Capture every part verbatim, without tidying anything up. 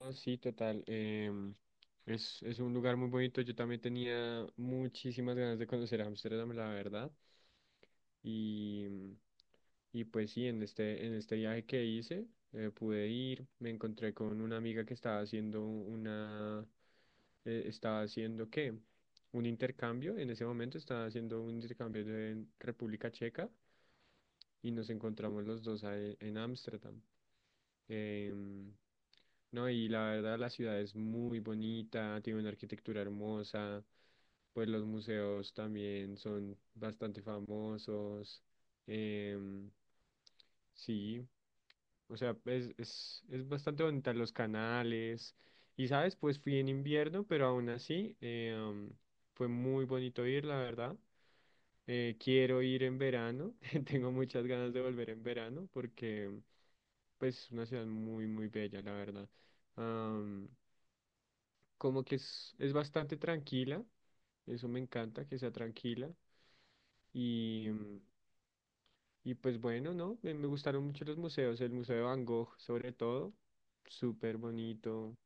No, sí, total. em, es, es un lugar muy bonito. Yo también tenía muchísimas ganas de conocer Ámsterdam, la verdad. Y, y pues sí, en este, en este viaje que hice, eh, pude ir, me encontré con una amiga que estaba haciendo una, eh, estaba haciendo, ¿qué? Un intercambio, en ese momento estaba haciendo un intercambio en República Checa y nos encontramos los dos ahí en Ámsterdam. Em, no, y la verdad la ciudad es muy bonita, tiene una arquitectura hermosa, pues los museos también son bastante famosos. em, sí, o sea, es, es, es bastante bonita los canales. Y sabes, pues fui en invierno, pero aún así em, fue muy bonito ir, la verdad. Eh, quiero ir en verano, tengo muchas ganas de volver en verano porque pues es una ciudad muy, muy bella, la verdad. Am, como que es, es bastante tranquila, eso me encanta, que sea tranquila. Y, y pues bueno, ¿no? Me, me gustaron mucho los museos, el Museo de Van Gogh sobre todo, súper bonito,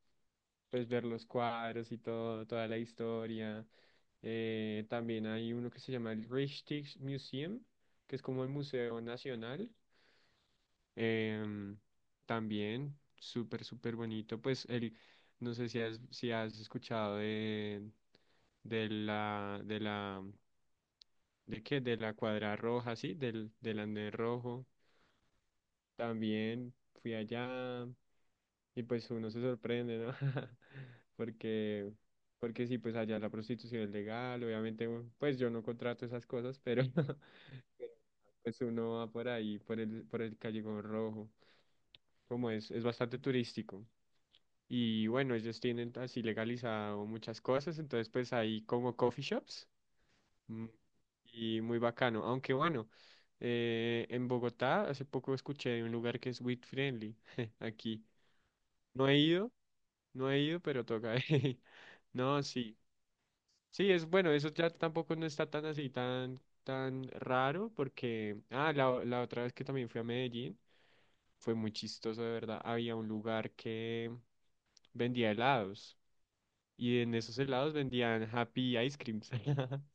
pues ver los cuadros y todo, toda la historia. Eh, también hay uno que se llama el Rijksmuseum, que es como el Museo Nacional. Em, también, súper, súper bonito. Pues el, no sé si has, si has escuchado de, de la, de la, ¿de qué? De la cuadra roja, sí, del, del andén rojo. También fui allá y pues uno se sorprende, ¿no? Porque, porque sí, pues allá la prostitución es legal, obviamente, u- pues yo no contrato esas cosas, pero pero, pues uno va por ahí, por el, por el Callejón Rojo, como es, es bastante turístico. Y bueno, ellos tienen así legalizado muchas cosas, entonces pues hay como coffee shops. Mm, Y muy bacano. Aunque bueno, eh, en Bogotá hace poco escuché de un lugar que es Weed Friendly. Aquí. No he ido, no he ido, pero toca. No, sí. Sí, es bueno, eso ya tampoco no está tan así, tan, tan raro, porque, ah, la, o- la otra vez que también fui a Medellín, fue muy chistoso, de verdad. Había un lugar que vendía helados y en esos helados vendían Happy Ice Creams.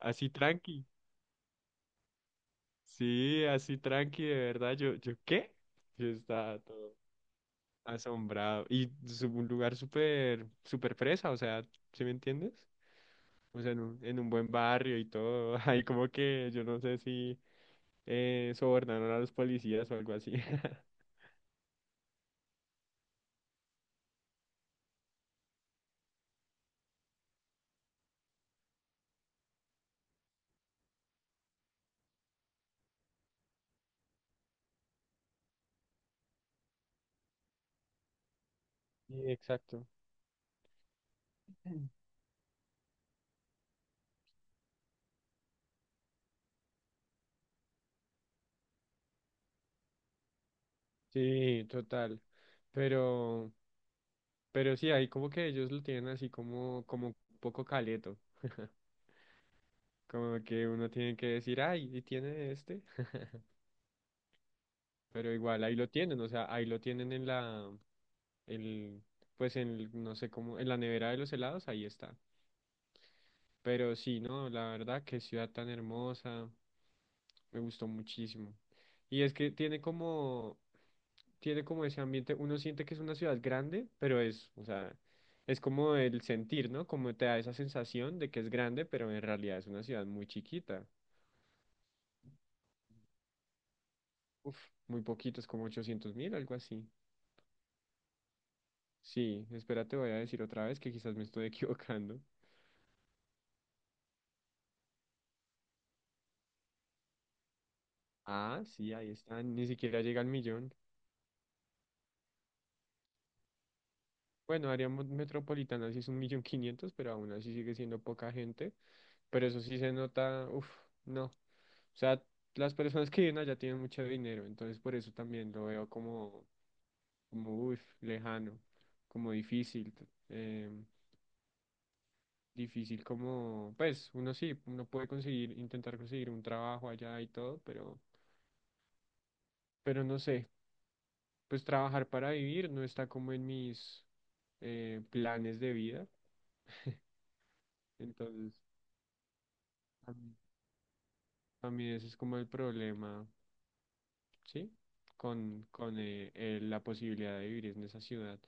Así tranqui. Sí, así tranqui, de verdad. Yo, ¿yo qué? Yo estaba todo asombrado. Y es un lugar súper, súper fresa, o sea, ¿sí me entiendes? O sea, en un, en un buen barrio y todo. Ahí como que yo no sé si eh, sobornaron a los policías o algo así. Sí, exacto. Sí, total. Pero, pero sí, ahí como que ellos lo tienen así como, como un poco caleto. Como que uno tiene que decir, ay, ¿y tiene este? Pero igual ahí lo tienen, o sea, ahí lo tienen en la, el, pues en, el- no sé cómo, en la nevera de los helados, ahí está. Pero sí, no, la verdad, qué ciudad tan hermosa, me gustó muchísimo. Y es que tiene como, tiene como ese ambiente, uno siente que es una ciudad grande, pero es, o sea, es como el sentir, ¿no? Como te da esa sensación de que es grande, pero en realidad es una ciudad muy chiquita. Uf, muy poquito, es como ochocientos mil, algo así. Sí, espérate, voy a decir otra vez que quizás me estoy equivocando. Ah, sí, ahí están, ni siquiera llega al millón. Bueno, área mo- metropolitana sí es un millón quinientos, pero aún así sigue siendo poca gente. Pero eso sí se nota, uff, no. O sea, las personas que viven allá tienen mucho dinero, entonces por eso también lo veo como, como, uff, lejano, como difícil. t- eh, difícil como, pues, uno sí, uno puede conseguir, intentar conseguir un trabajo allá y todo, pero, pero no sé, pues trabajar para vivir no está como en mis eh, planes de vida. Entonces, a mí, a mí ese es como el problema, ¿sí? Con, con eh, eh, la posibilidad de vivir en esa ciudad.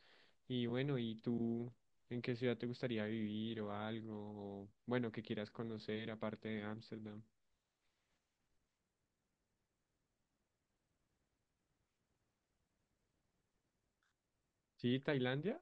Y bueno, ¿y tú en qué ciudad te gustaría vivir o algo? O, bueno, que quieras conocer aparte de Ámsterdam. ¿Sí, Tailandia?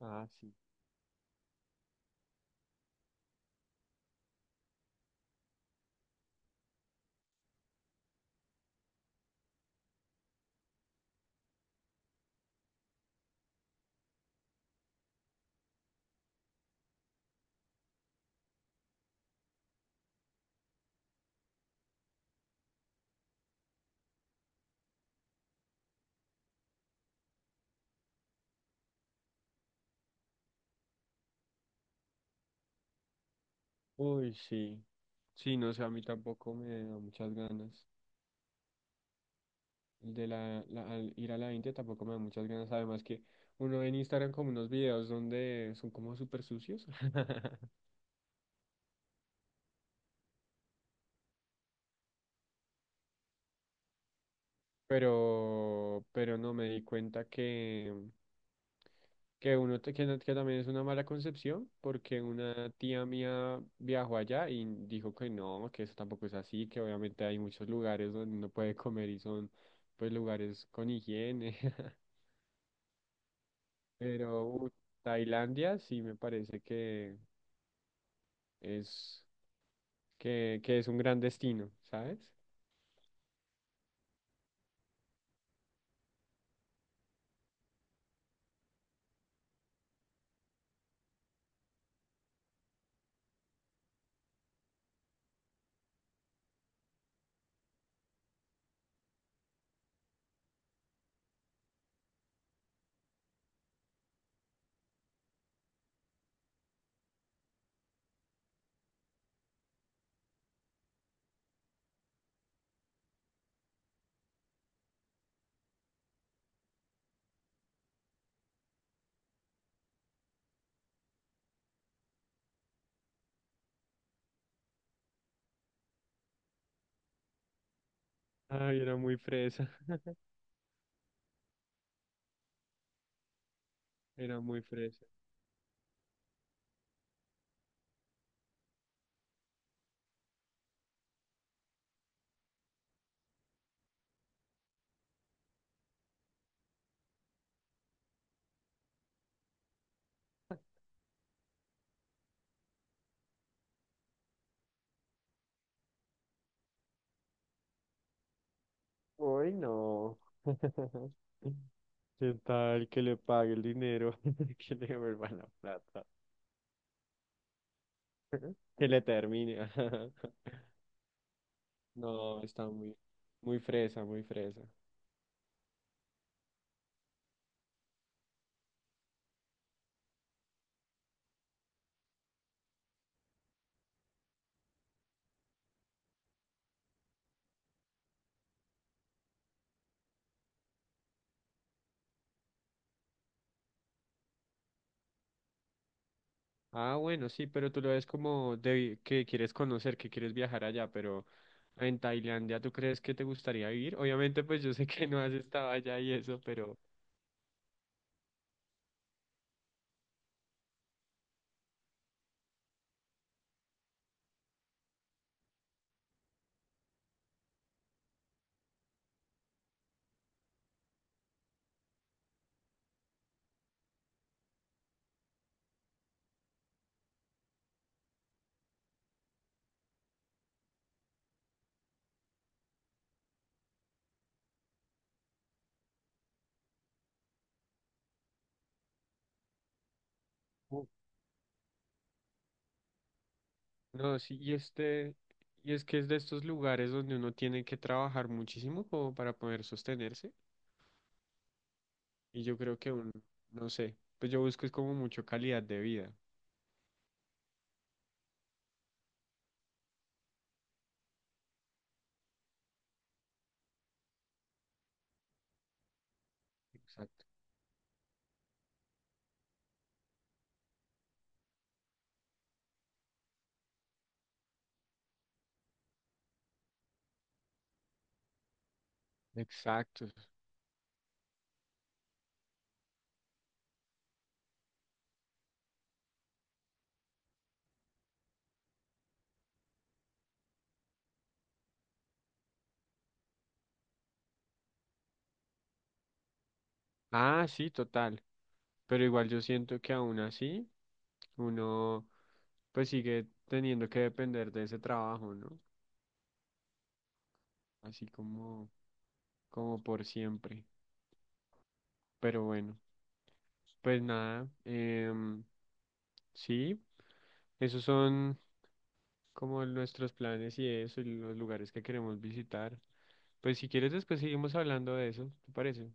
Ah, sí. Uy, sí. Sí, no sé, a mí tampoco me da muchas ganas. El de la, la- al ir a la India tampoco me da muchas ganas. Además que uno ve en Instagram como unos videos donde son como súper sucios. pero, pero no me di cuenta que, que uno te- que, no- que también es una mala concepción, porque una tía mía viajó allá y dijo que no, que eso tampoco es así, que obviamente hay muchos lugares donde uno puede comer y son pues lugares con higiene, pero uh, Tailandia sí me parece que es que, que es un gran destino, ¿sabes? Ay, era muy fresa, era muy fresa. Uy, no. ¿Qué tal que le pague el dinero? Que le devuelva la plata. Que le termine. No, está muy, muy fresa, muy fresa. Ah, bueno, sí, pero tú lo ves como de que quieres conocer, que quieres viajar allá, pero en Tailandia, ¿tú crees que te gustaría vivir? Obviamente, pues yo sé que no has estado allá y eso, pero uf. No, sí, y este, y es que es de estos lugares donde uno tiene que trabajar muchísimo como para poder sostenerse. Y yo creo que un, no sé, pues yo busco es como mucho calidad de vida. Exacto. Exacto. Ah, sí, total. Pero igual yo siento que aún así uno pues sigue teniendo que depender de ese trabajo, ¿no? Así como, como por siempre. Pero bueno, pues nada, em, sí, esos son como nuestros planes y eso, y los lugares que queremos visitar. Pues si quieres después seguimos hablando de eso, ¿te parece?